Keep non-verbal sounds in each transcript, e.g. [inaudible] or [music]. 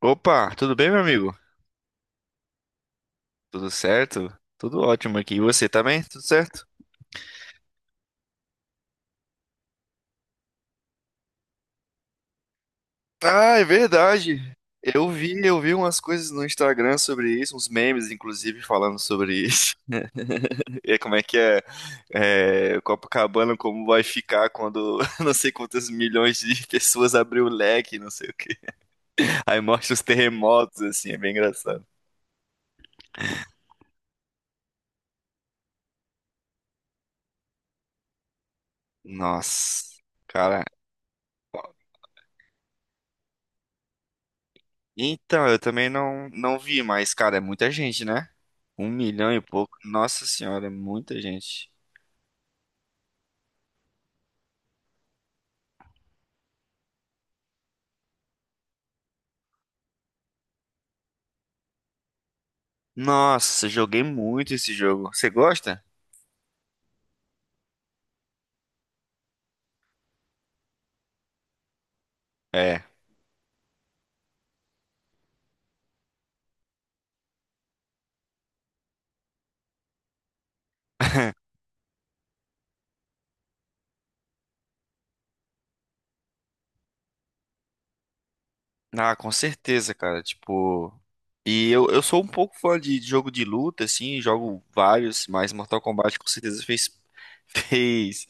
Opa, tudo bem, meu amigo? Tudo certo? Tudo ótimo aqui. E você também? Tudo certo? Ah, é verdade. Eu vi umas coisas no Instagram sobre isso, uns memes, inclusive, falando sobre isso. [laughs] E como é que é, Copacabana, como vai ficar quando [laughs] não sei quantas milhões de pessoas abrir o leque, não sei o quê. Aí mostra os terremotos, assim, é bem engraçado. Nossa, cara. Então, eu também não vi, mas, cara, é muita gente, né? 1 milhão e pouco. Nossa senhora, é muita gente. Nossa, joguei muito esse jogo. Você gosta? É. Ah, com certeza, cara. Tipo. E eu sou um pouco fã de jogo de luta, assim, jogo vários, mas Mortal Kombat com certeza fez. [laughs] Fez.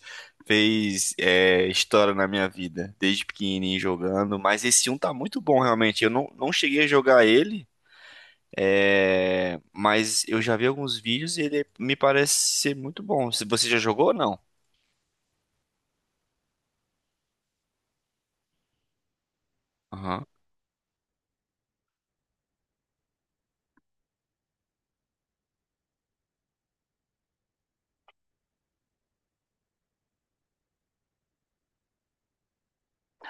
Fez é, história na minha vida, desde pequenininho jogando. Mas esse um tá muito bom, realmente. Eu não cheguei a jogar ele. É, mas eu já vi alguns vídeos e ele me parece ser muito bom. Se você já jogou ou não? Aham.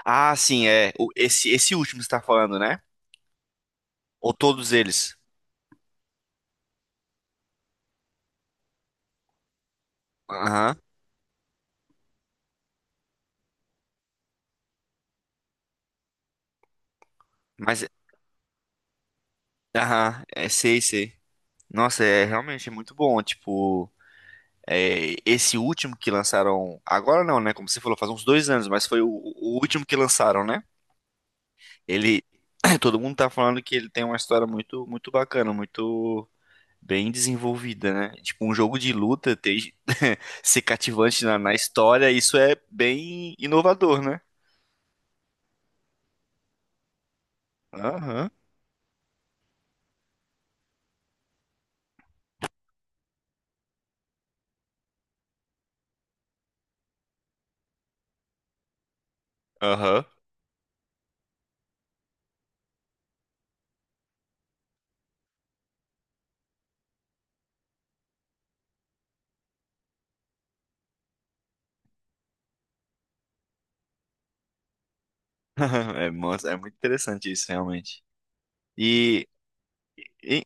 Ah, sim, é. Esse último que você tá falando, né? Ou todos eles? Aham. Mas, aham, é, sei, sei. Nossa, realmente é muito bom. Tipo, esse último que lançaram. Agora não, né? Como você falou, faz uns 2 anos, mas foi o último que lançaram, né? Ele. [clears throat] Todo mundo tá falando que ele tem uma história muito, muito bacana, muito. Bem desenvolvida, né? Tipo, um jogo de luta ter, [laughs] ser cativante na história, isso é bem inovador, né? Aham, aham. [laughs] É muito interessante isso, realmente. E, e-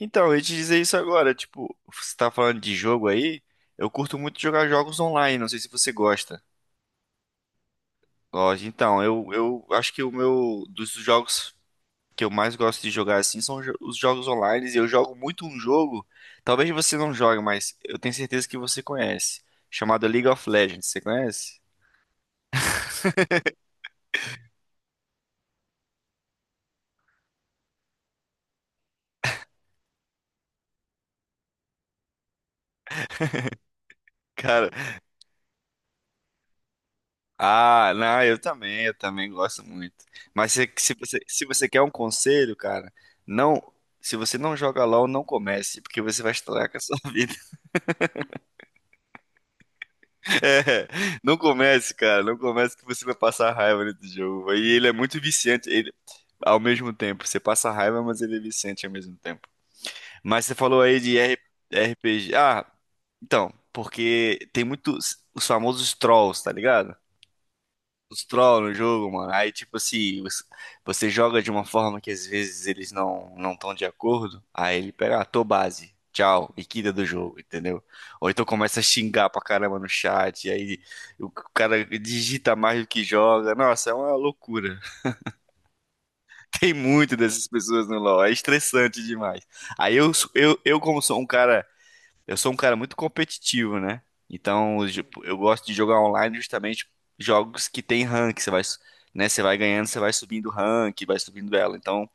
então, eu ia te dizer isso agora, tipo, você tá falando de jogo aí, eu curto muito jogar jogos online, não sei se você gosta. Gosto. Então, eu acho que o meu, dos jogos que eu mais gosto de jogar assim são os jogos online. E eu jogo muito um jogo, talvez você não jogue, mas eu tenho certeza que você conhece, chamado League of Legends. Você conhece? Cara, ah, não, eu também gosto muito. Mas se você quer um conselho, cara, não, se você não joga LoL, não comece, porque você vai estragar com a sua vida. [laughs] É, não comece, cara, não comece que você vai passar raiva nesse jogo. E ele é muito viciante, ele, ao mesmo tempo, você passa raiva, mas ele é viciante ao mesmo tempo. Mas você falou aí de RPG. Ah, então, porque tem muitos os famosos trolls, tá ligado? Os trolls no jogo, mano. Aí, tipo assim, você joga de uma forma que às vezes eles não estão de acordo. Aí ele pega, ah, tô base. Tchau, e quita do jogo, entendeu? Ou então começa a xingar pra caramba no chat, e aí o cara digita mais do que joga. Nossa, é uma loucura. [laughs] Tem muito dessas pessoas no LoL, é estressante demais. Aí eu como sou um cara Eu sou um cara muito competitivo, né? Então, eu gosto de jogar online justamente jogos que tem rank. Você vai, su- né? Você vai ganhando, você vai subindo rank, vai subindo ela. Então,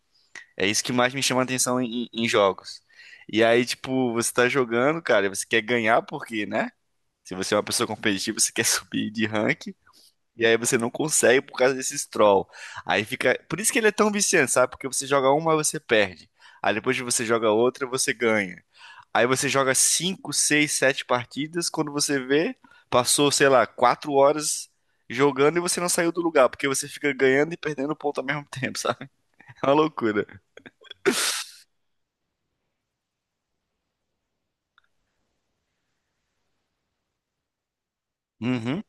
é isso que mais me chama a atenção em jogos. E aí, tipo, você tá jogando, cara, e você quer ganhar porque, né? Se você é uma pessoa competitiva, você [laughs] quer subir de rank. E aí você não consegue por causa desses troll. Aí fica. Por isso que ele é tão viciante, sabe? Porque você joga uma, você perde. Aí depois que você joga outra, você ganha. Aí você joga 5, 6, 7 partidas. Quando você vê, passou, sei lá, 4 horas jogando e você não saiu do lugar, porque você fica ganhando e perdendo ponto ao mesmo tempo, sabe? [laughs] É uma loucura. Uhum.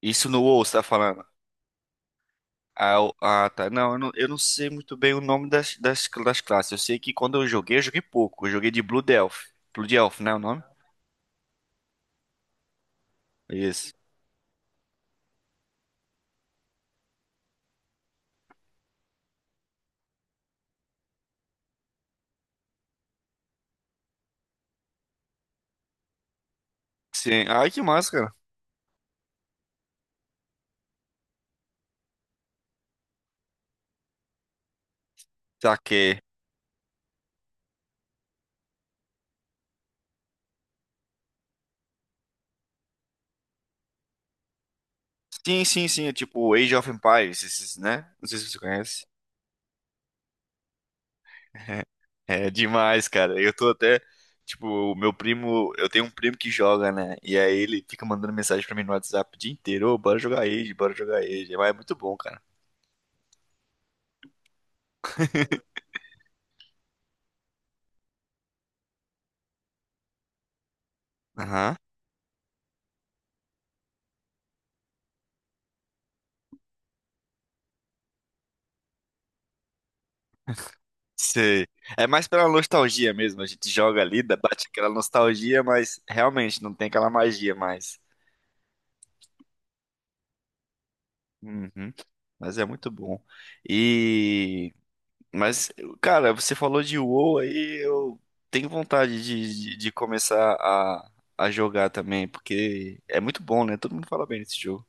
Isso no WoW, você tá falando? Ah, tá. Não, eu não sei muito bem o nome das classes. Eu sei que quando eu joguei pouco. Eu joguei de Blue Delph. Blue Delph, né, o nome? Isso. Sim. Ai, que massa, cara. Saquei. Sim, sim, sim. É tipo Age of Empires, esses, né? Não sei se você conhece. É é demais, cara. Eu tô até, tipo, o meu primo, eu tenho um primo que joga, né? E aí ele fica mandando mensagem pra mim no WhatsApp o dia inteiro, ô, bora jogar Age, bora jogar Age. É, mas é muito bom, cara. Aham. Sei. É mais pela nostalgia mesmo. A gente joga ali, bate aquela nostalgia, mas realmente não tem aquela magia mais. Uhum. Mas é muito bom. E mas, cara, você falou de WoW aí, eu tenho vontade de começar a jogar também, porque é muito bom, né? Todo mundo fala bem desse jogo.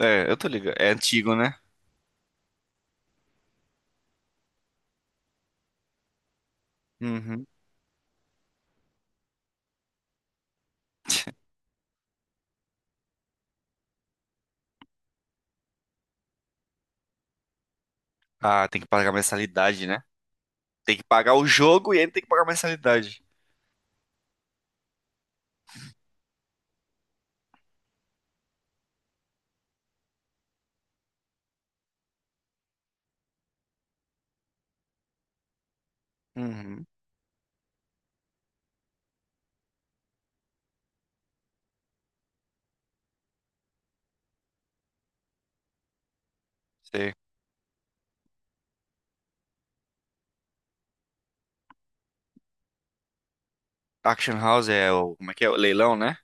É, eu tô ligado. É antigo, né? Uhum. Ah, tem que pagar mensalidade, né? Tem que pagar o jogo e ainda tem que pagar mensalidade. Uhum. Sei. Auction House é o. Como é que é? O leilão, né?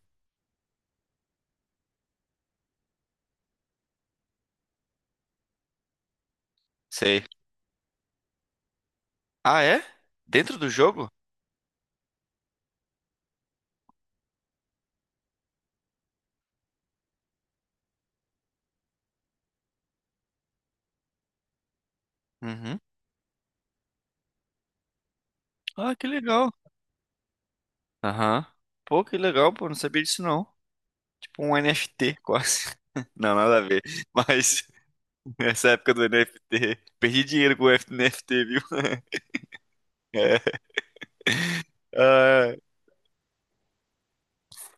Sei. Ah, é? Dentro do jogo? Uhum. Ah, que legal. Aham. Pô, que legal, pô. Não sabia disso, não. Tipo um NFT, quase. [laughs] Não, nada a ver. Mas [laughs] nessa época do NFT, perdi dinheiro com o NFT, viu? [laughs] É. Ah,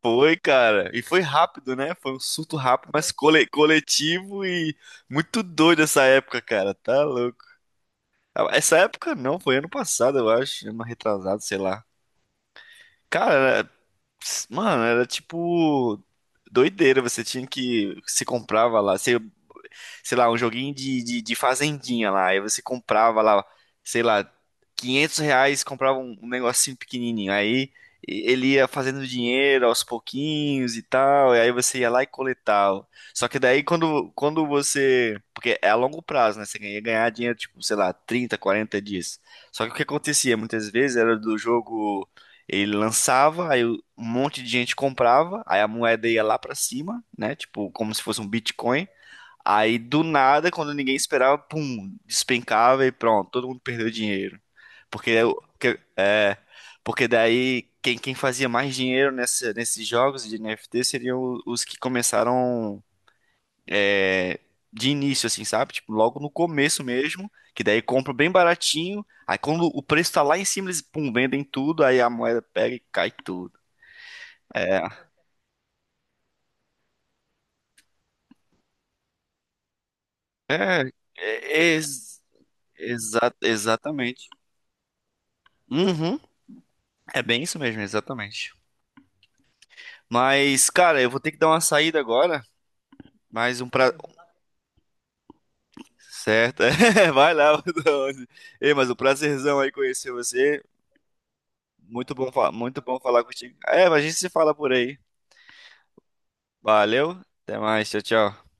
foi, cara. E foi rápido, né? Foi um surto rápido, mas coletivo e muito doido essa época, cara. Tá louco. Ah, essa época não, foi ano passado, eu acho. Ano retrasado, sei lá. Cara, era- mano, era tipo doideira. Você tinha que. Você comprava lá. Você sei lá, um joguinho de fazendinha lá. Aí você comprava lá, sei lá, R$ 500, comprava um negocinho pequenininho. Aí ele ia fazendo dinheiro aos pouquinhos e tal. E aí você ia lá e coletava. Só que daí quando você. Porque é a longo prazo, né? Você ia ganhar dinheiro, tipo, sei lá, 30, 40 dias. Só que o que acontecia muitas vezes era do jogo. Ele lançava, aí um monte de gente comprava, aí a moeda ia lá pra cima, né? Tipo, como se fosse um Bitcoin. Aí do nada, quando ninguém esperava, pum, despencava e pronto, todo mundo perdeu dinheiro. Porque é, o- que- é, porque daí quem fazia mais dinheiro nesses jogos de NFT seriam os que começaram é, de início, assim, sabe? Tipo, logo no começo mesmo, que daí compra bem baratinho. Aí quando o preço tá lá em cima, eles, pum, vendem tudo, aí a moeda pega e cai tudo. É, é, é ex- exatamente. Uhum, é bem isso mesmo, exatamente. Mas, cara, eu vou ter que dar uma saída agora. Mais um pra... Beleza. Certo. [laughs] É, vai lá. [laughs] Bruno. Ei, mas um prazerzão aí conhecer você. Muito bom, muito bom falar contigo. É, a gente se fala por aí. Valeu. Até mais. Tchau, tchau.